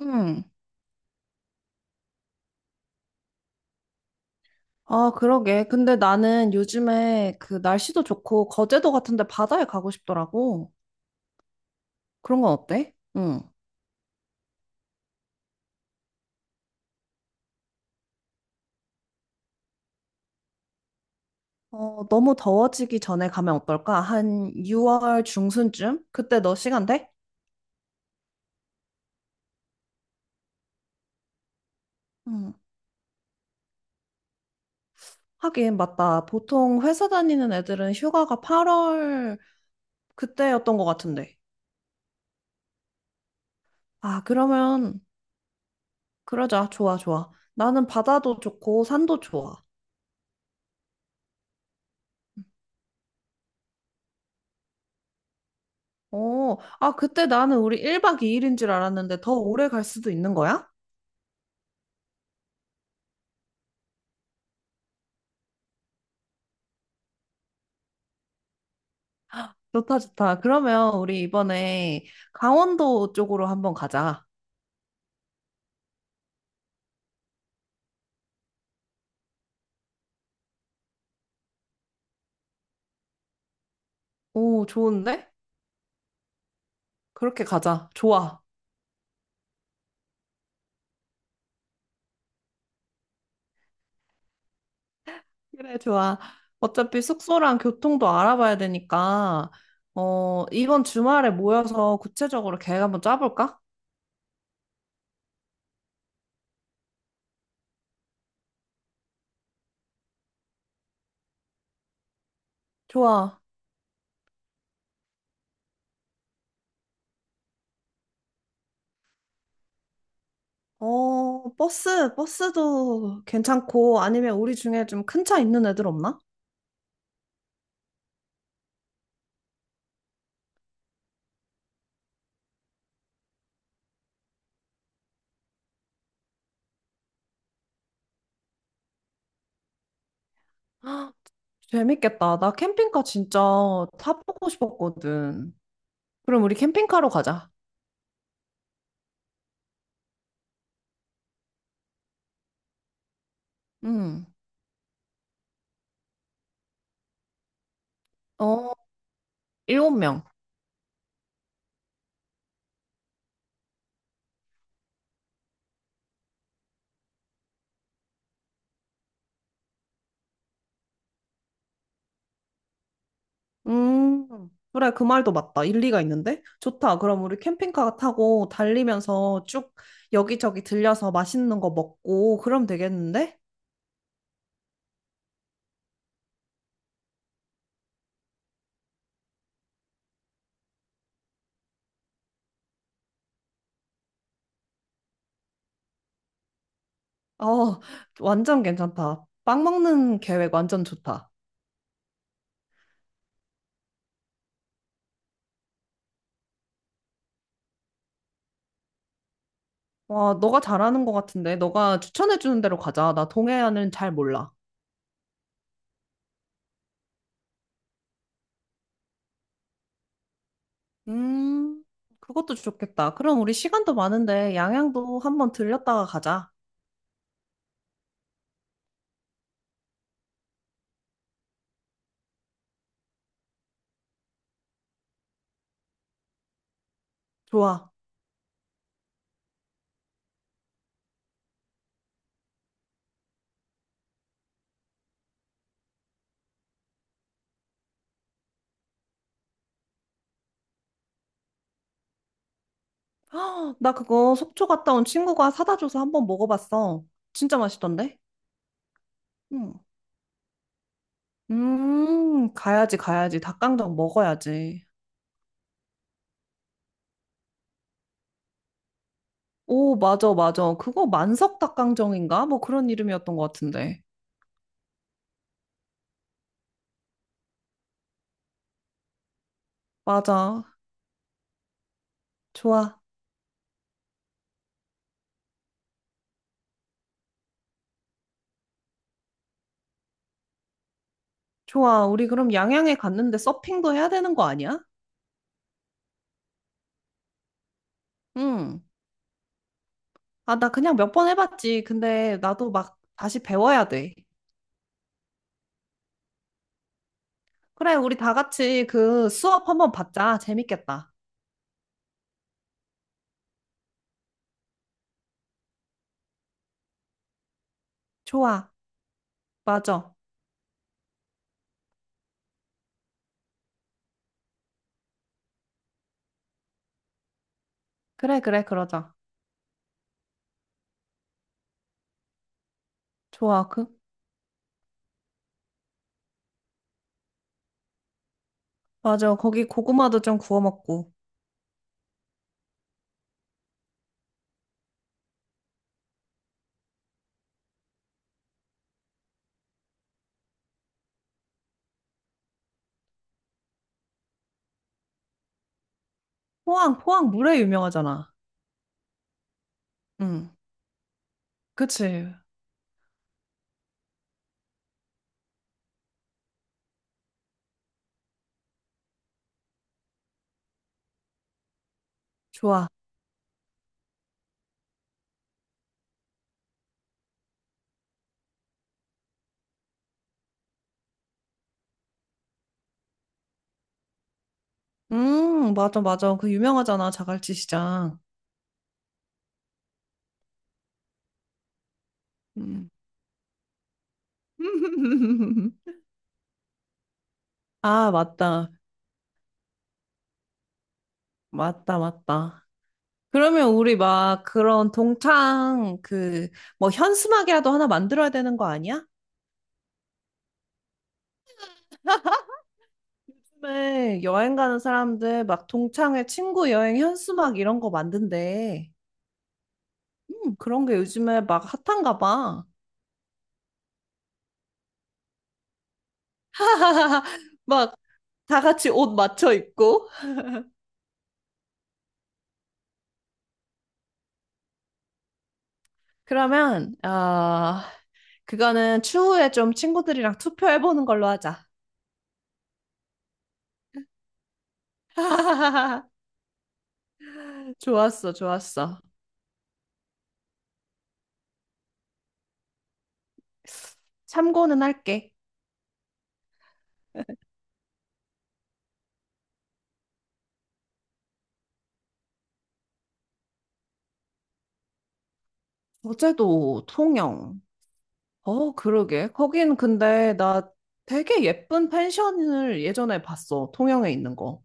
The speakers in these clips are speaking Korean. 응. 아, 그러게. 근데 나는 요즘에 그 날씨도 좋고 거제도 같은데 바다에 가고 싶더라고. 그런 건 어때? 응. 너무 더워지기 전에 가면 어떨까? 한 6월 중순쯤? 그때 너 시간 돼? 응. 하긴, 맞다. 보통 회사 다니는 애들은 휴가가 8월 그때였던 것 같은데. 아, 그러면 그러자. 좋아, 좋아. 나는 바다도 좋고 산도 좋아. 그때 나는 우리 1박 2일인 줄 알았는데 더 오래 갈 수도 있는 거야? 좋다, 좋다. 그러면 우리 이번에 강원도 쪽으로 한번 가자. 오, 좋은데? 그렇게 가자. 좋아. 그래, 좋아. 어차피 숙소랑 교통도 알아봐야 되니까, 이번 주말에 모여서 구체적으로 계획 한번 짜볼까? 좋아. 버스도 괜찮고, 아니면 우리 중에 좀 큰 차 있는 애들 없나? 헉, 재밌겠다. 나 캠핑카 진짜 타보고 싶었거든. 그럼 우리 캠핑카로 가자. 응. 어, 일곱 명. 음, 그래, 그 말도 맞다. 일리가 있는데? 좋다. 그럼 우리 캠핑카 타고 달리면서 쭉 여기저기 들려서 맛있는 거 먹고, 그럼 되겠는데? 어, 완전 괜찮다. 빵 먹는 계획 완전 좋다. 와, 너가 잘하는 것 같은데? 너가 추천해주는 대로 가자. 나 동해안은 잘 몰라. 음, 그것도 좋겠다. 그럼 우리 시간도 많은데 양양도 한번 들렸다가 가자. 좋아. 아, 나 그거 속초 갔다 온 친구가 사다 줘서 한번 먹어봤어. 진짜 맛있던데? 응. 가야지, 가야지. 닭강정 먹어야지. 오, 맞아, 맞아. 그거 만석 닭강정인가? 뭐 그런 이름이었던 것 같은데. 맞아. 좋아, 좋아. 우리 그럼 양양에 갔는데 서핑도 해야 되는 거 아니야? 응. 아, 나 그냥 몇 번 해봤지. 근데 나도 막 다시 배워야 돼. 그래, 우리 다 같이 그 수업 한번 받자. 재밌겠다. 좋아, 맞아. 그래, 그래, 그러자. 좋아. 그, 맞아. 거기 고구마도 좀 구워 먹고. 포항, 포항 물회 유명하잖아. 응. 그치. 좋아. 맞아, 맞아. 그 유명하잖아. 자갈치 시장. 음. 아, 맞다. 맞다, 맞다. 그러면 우리 막 그런 동창 그 뭐 현수막이라도 하나 만들어야 되는 거 아니야? 요즘에 여행 가는 사람들 막 동창회 친구 여행 현수막 이런 거 만든대. 그런 게 요즘에 막 핫한가 봐. 막 다 같이 옷 맞춰 입고. 그러면, 어, 그거는 추후에 좀 친구들이랑 투표해보는 걸로 하자. 좋았어, 좋았어. 참고는 할게. 어제도 통영. 그러게. 거긴 근데 나 되게 예쁜 펜션을 예전에 봤어. 통영에 있는 거.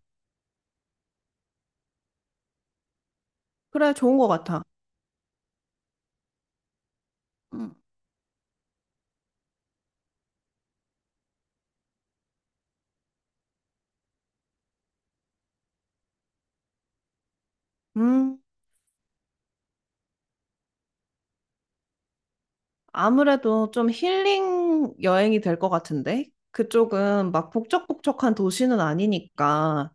그래, 좋은 거 같아. 음. 음. 아무래도 좀 힐링 여행이 될 것 같은데? 그쪽은 막 북적북적한 도시는 아니니까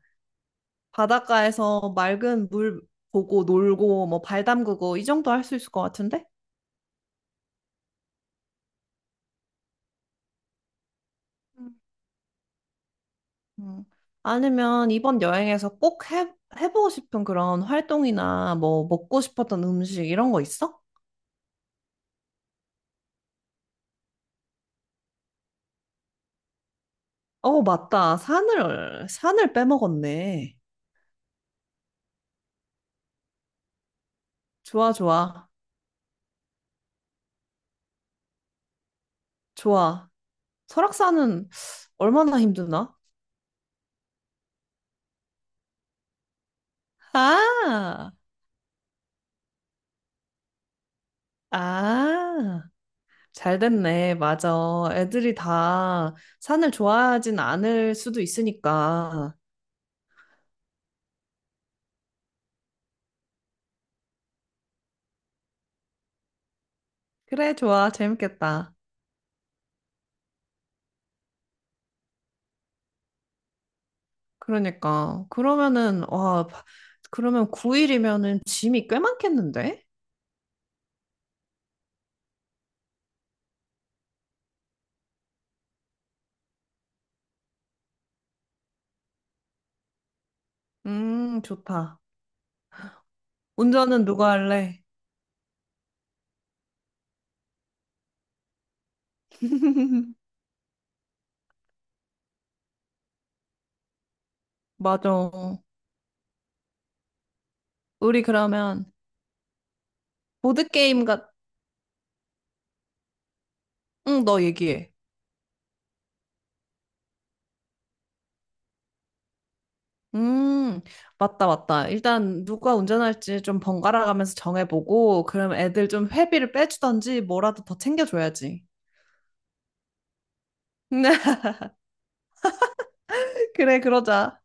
바닷가에서 맑은 물 보고 놀고 뭐 발 담그고 이 정도 할 수 있을 것 같은데? 음. 음. 아니면 이번 여행에서 꼭 해, 해보고 싶은 그런 활동이나 뭐 먹고 싶었던 음식 이런 거 있어? 어, 맞다. 산을, 산을 빼먹었네. 좋아, 좋아. 좋아. 설악산은 얼마나 힘드나? 아! 아, 잘 됐네. 맞아. 애들이 다 산을 좋아하진 않을 수도 있으니까. 그래, 좋아. 재밌겠다. 그러니까. 그러면은, 와, 바- 그러면 9일이면은 짐이 꽤 많겠는데? 좋다. 운전은 누가 할래? 맞아. 우리 그러면 보드게임 같, 응, 너 얘기해. 음, 맞다, 맞다. 일단 누가 운전할지 좀 번갈아 가면서 정해보고, 그럼 애들 좀 회비를 빼주던지 뭐라도 더 챙겨줘야지. 네, 그래, 그러자.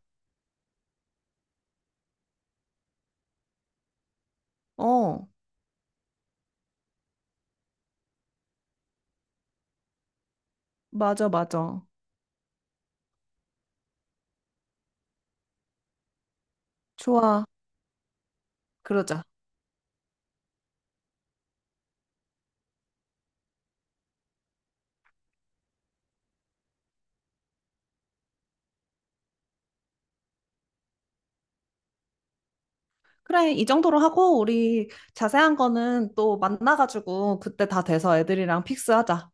어, 맞아, 맞아. 좋아, 그러자. 그래, 이 정도로 하고, 우리 자세한 거는 또 만나가지고, 그때 다 돼서 애들이랑 픽스하자.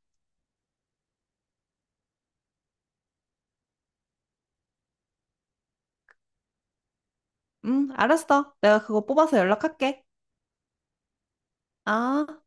응, 알았어. 내가 그거 뽑아서 연락할게. 아.